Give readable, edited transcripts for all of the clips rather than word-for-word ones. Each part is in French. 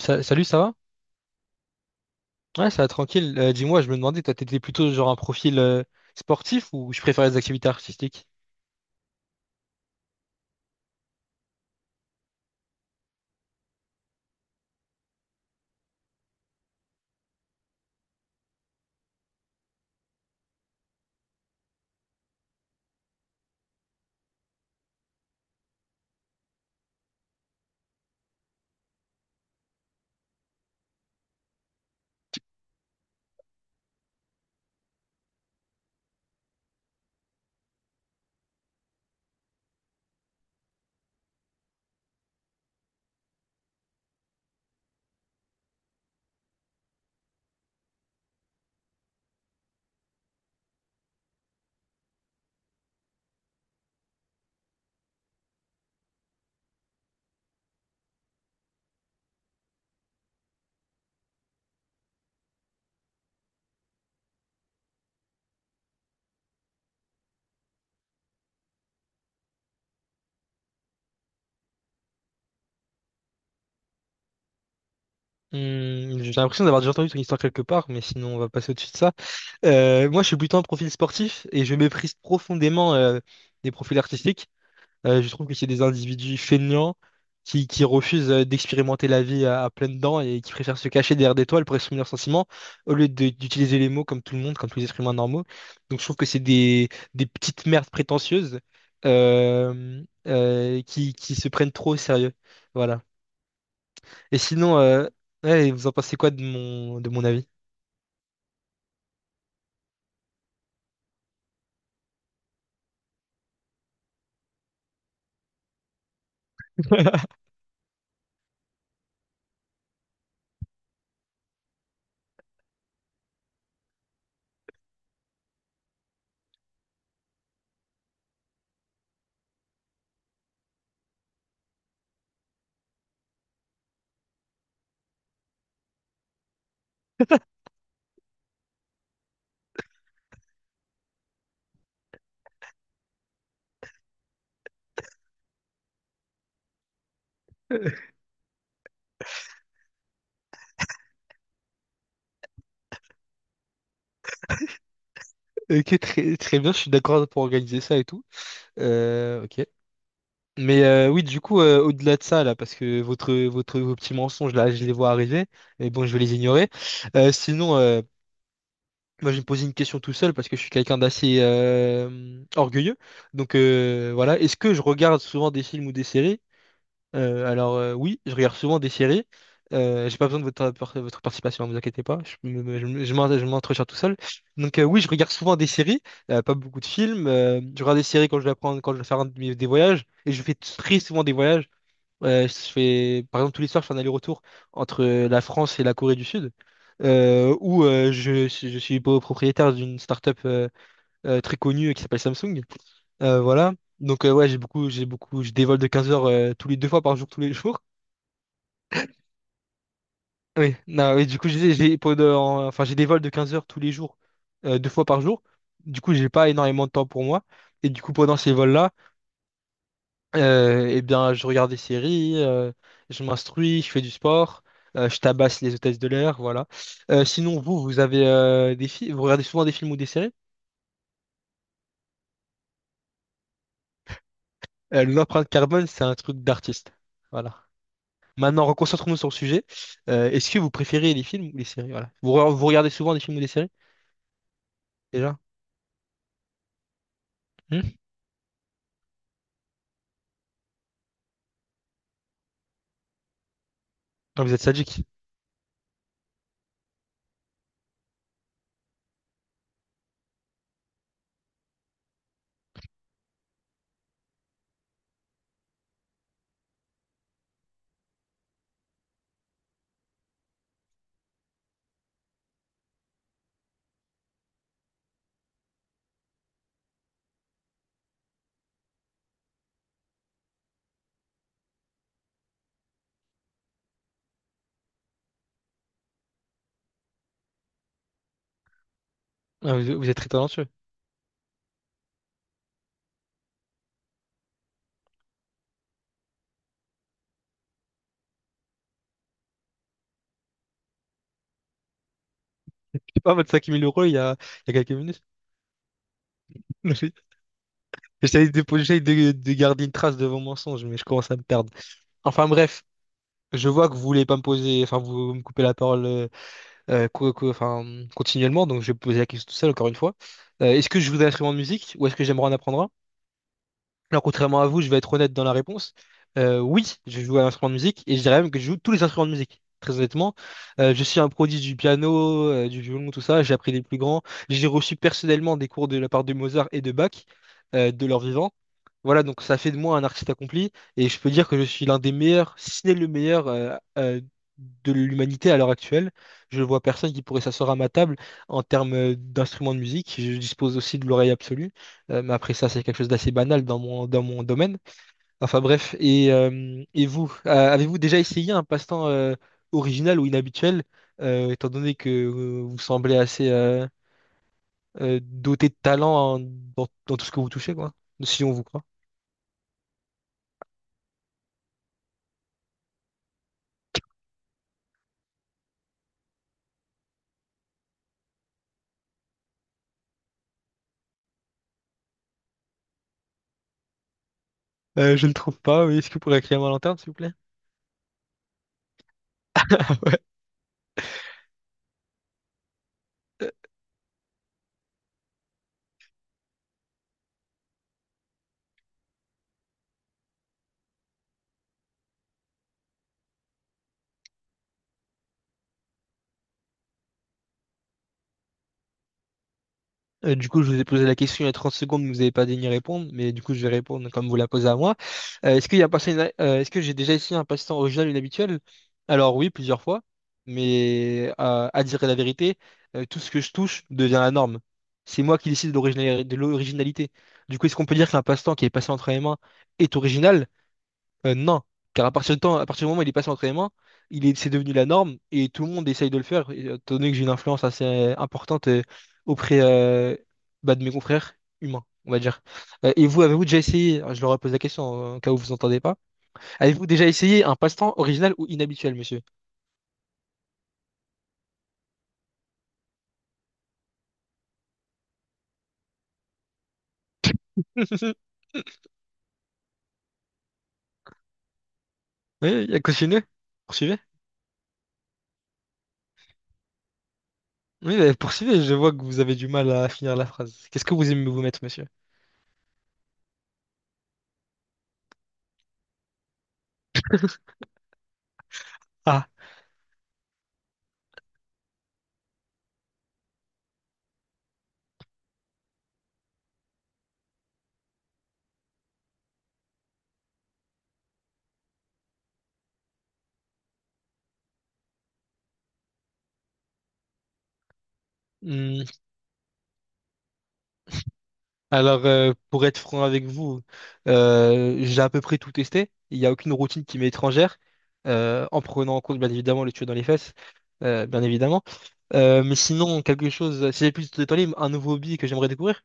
Salut, ça va? Ouais, ça va tranquille. Dis-moi, je me demandais, toi, t'étais plutôt genre un profil sportif ou je préférais les activités artistiques? Hmm, j'ai l'impression d'avoir déjà entendu ton histoire quelque part, mais sinon on va passer au-dessus de ça. Moi, je suis plutôt un profil sportif et je méprise profondément les profils artistiques. Je trouve que c'est des individus feignants qui refusent d'expérimenter la vie à pleines dents et qui préfèrent se cacher derrière des toiles pour exprimer leurs sentiments au lieu d'utiliser les mots comme tout le monde, comme tous les êtres humains normaux. Donc je trouve que des petites merdes prétentieuses qui se prennent trop au sérieux. Voilà. Et sinon, ouais, vous en pensez quoi de de mon avis? Ok, très bien, je suis d'accord pour organiser ça et tout. Ok. Mais oui, du coup, au-delà de ça, là, parce que vos petits mensonges, là, je les vois arriver, mais bon, je vais les ignorer. Euh, sinon, euh, Moi, je vais me poser une question tout seul, parce que je suis quelqu'un d'assez orgueilleux. Donc, voilà, est-ce que je regarde souvent des films ou des séries? Oui, je regarde souvent des séries. J'ai pas besoin de votre participation, ne vous inquiétez pas, je m'entretiens tout seul. Donc, oui, je regarde souvent des séries, pas beaucoup de films. Je regarde des séries quand je quand je dois faire un des voyages, et je fais très souvent des voyages. Ouais, je fais, par exemple, tous les soirs, je fais un aller-retour entre la France et la Corée du Sud, je suis propriétaire d'une start-up très connue qui s'appelle Samsung. Voilà. Donc, ouais, j'ai beaucoup, je dévole de 15 heures tous les deux fois par jour, tous les jours. Oui, non, oui, du coup, je disais, enfin, j'ai des vols de 15 heures tous les jours, deux fois par jour. Du coup, j'ai pas énormément de temps pour moi. Et du coup, pendant ces vols-là, eh bien, je regarde des séries, je m'instruis, je fais du sport, je tabasse les hôtesses de l'air, voilà. Sinon, vous avez vous regardez souvent des films ou des séries? L'empreinte carbone, c'est un truc d'artiste. Voilà. Maintenant, reconcentrons-nous sur le sujet. Est-ce que vous préférez les films ou les séries? Voilà. Vous regardez souvent des films ou des séries, déjà? Hmm. Ah, vous êtes sadique. Ah, vous êtes très talentueux. Je sais pas, votre 5000 € il y a quelques minutes. J'essaie de garder une trace de vos mensonges, mais je commence à me perdre. Enfin bref, je vois que vous voulez pas me poser, enfin vous me coupez la parole enfin, continuellement, donc je vais poser la question tout seul encore une fois. Est-ce que je joue d'un instrument de musique ou est-ce que j'aimerais en apprendre un? Alors, contrairement à vous, je vais être honnête dans la réponse. Oui, je joue à un instrument de musique et je dirais même que je joue tous les instruments de musique. Très honnêtement, je suis un prodige du piano, du violon, tout ça. J'ai appris les plus grands. J'ai reçu personnellement des cours de la part de Mozart et de Bach, de leur vivant. Voilà, donc ça fait de moi un artiste accompli et je peux dire que je suis l'un des meilleurs, si ce n'est le meilleur, de l'humanité à l'heure actuelle. Je vois personne qui pourrait s'asseoir à ma table en termes d'instruments de musique. Je dispose aussi de l'oreille absolue. Mais après ça, c'est quelque chose d'assez banal dans dans mon domaine. Enfin bref, et vous, avez-vous déjà essayé un passe-temps original ou inhabituel, étant donné que vous semblez assez doté de talent dans tout ce que vous touchez, quoi, si on vous croit. Je ne trouve pas, oui. Est-ce que vous pourriez créer ma lanterne, s'il vous plaît? Du coup, je vous ai posé la question il y a 30 secondes, mais vous n'avez pas daigné répondre, mais du coup, je vais répondre comme vous la posez à moi. Est-ce que j'ai déjà essayé un passe-temps original ou inhabituel? Alors oui, plusieurs fois, mais à dire la vérité, tout ce que je touche devient la norme. C'est moi qui décide de de l'originalité. Du coup, est-ce qu'on peut dire qu'un passe-temps qui est passé entre mes mains est original? Non, car à partir du moment où il est passé en entraînement, c'est devenu la norme et tout le monde essaye de le faire. Étant donné que j'ai une influence assez importante auprès bah, de mes confrères humains, on va dire. Et vous, alors, je leur pose la question en cas où vous entendez pas, avez-vous déjà essayé un passe-temps original ou inhabituel, monsieur? Oui, il a. Poursuivez. Oui, bah, poursuivez, je vois que vous avez du mal à finir la phrase. Qu'est-ce que vous aimez vous mettre, monsieur? Ah. Alors, pour être franc avec vous, j'ai à peu près tout testé. Il n'y a aucune routine qui m'est étrangère, en prenant en compte, bien évidemment, le tuyau dans les fesses, bien évidemment. Mais sinon, quelque chose, si j'ai plus de temps libre, un nouveau hobby que j'aimerais découvrir.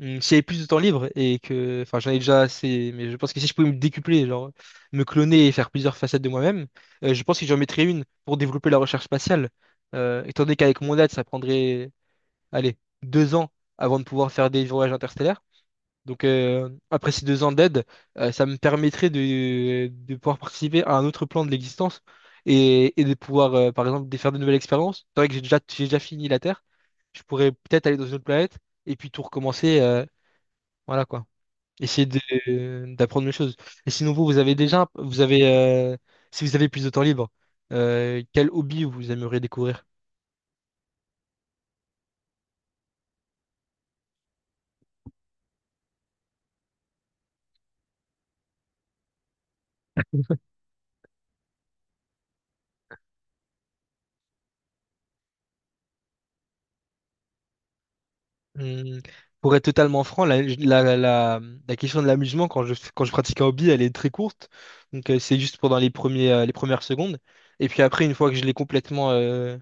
Si j'avais plus de temps libre et que, enfin, j'en ai déjà assez, mais je pense que si je pouvais me décupler, genre, me cloner et faire plusieurs facettes de moi-même, je pense que j'en mettrais une pour développer la recherche spatiale. Étant donné qu'avec mon date, ça prendrait, allez, deux ans avant de pouvoir faire des voyages interstellaires. Donc après ces deux ans d'aide, ça me permettrait de pouvoir participer à un autre plan de l'existence et de pouvoir, par exemple, de faire de nouvelles expériences. C'est vrai que j'ai déjà fini la Terre. Je pourrais peut-être aller dans une autre planète et puis tout recommencer. Voilà quoi. Essayer d'apprendre les choses. Et sinon, vous, vous avez déjà, vous avez, si vous avez plus de temps libre, quel hobby vous aimeriez découvrir? Hum, Pour être totalement franc, la question de l'amusement quand quand je pratique un hobby, elle est très courte. Donc c'est juste pendant les premiers, les premières secondes. Et puis après, une fois que je l'ai complètement euh,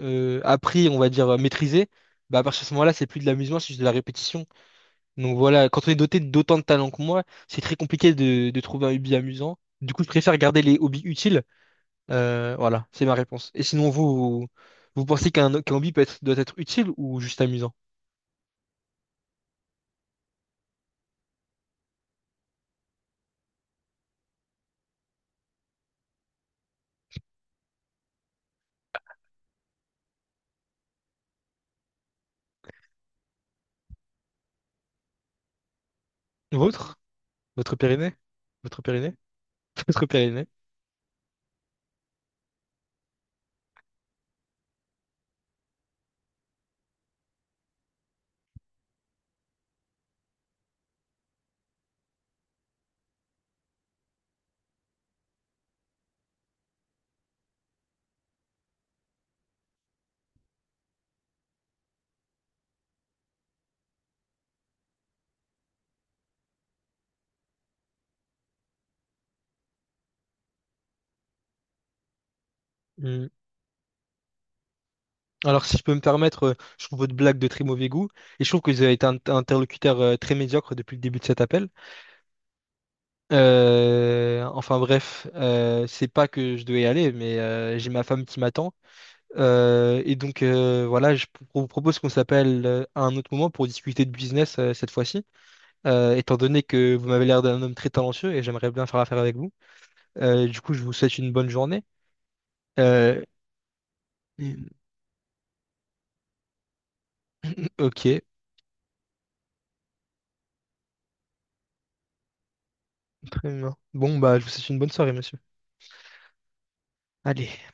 euh, appris, on va dire maîtrisé, bah à partir de ce moment-là, c'est plus de l'amusement, c'est juste de la répétition. Donc voilà, quand on est doté d'autant de talent que moi, c'est très compliqué de trouver un hobby amusant. Du coup, je préfère garder les hobbies utiles. Voilà, c'est ma réponse. Et sinon, vous pensez qu'un hobby doit être utile ou juste amusant? Votre? Votre Pyrénées? Votre Pyrénées? Votre Pyrénées? Hmm. Alors, si je peux me permettre, je trouve votre blague de très mauvais goût et je trouve que vous avez été un interlocuteur très médiocre depuis le début de cet appel. Enfin bref, c'est pas que je devais y aller, mais j'ai ma femme qui m'attend. Voilà, vous propose qu'on s'appelle à un autre moment pour discuter de business cette fois-ci. Étant donné que vous m'avez l'air d'un homme très talentueux et j'aimerais bien faire affaire avec vous. Du coup, je vous souhaite une bonne journée. Euh, ok, très bien. Bon, bah, je vous souhaite une bonne soirée, monsieur. Allez.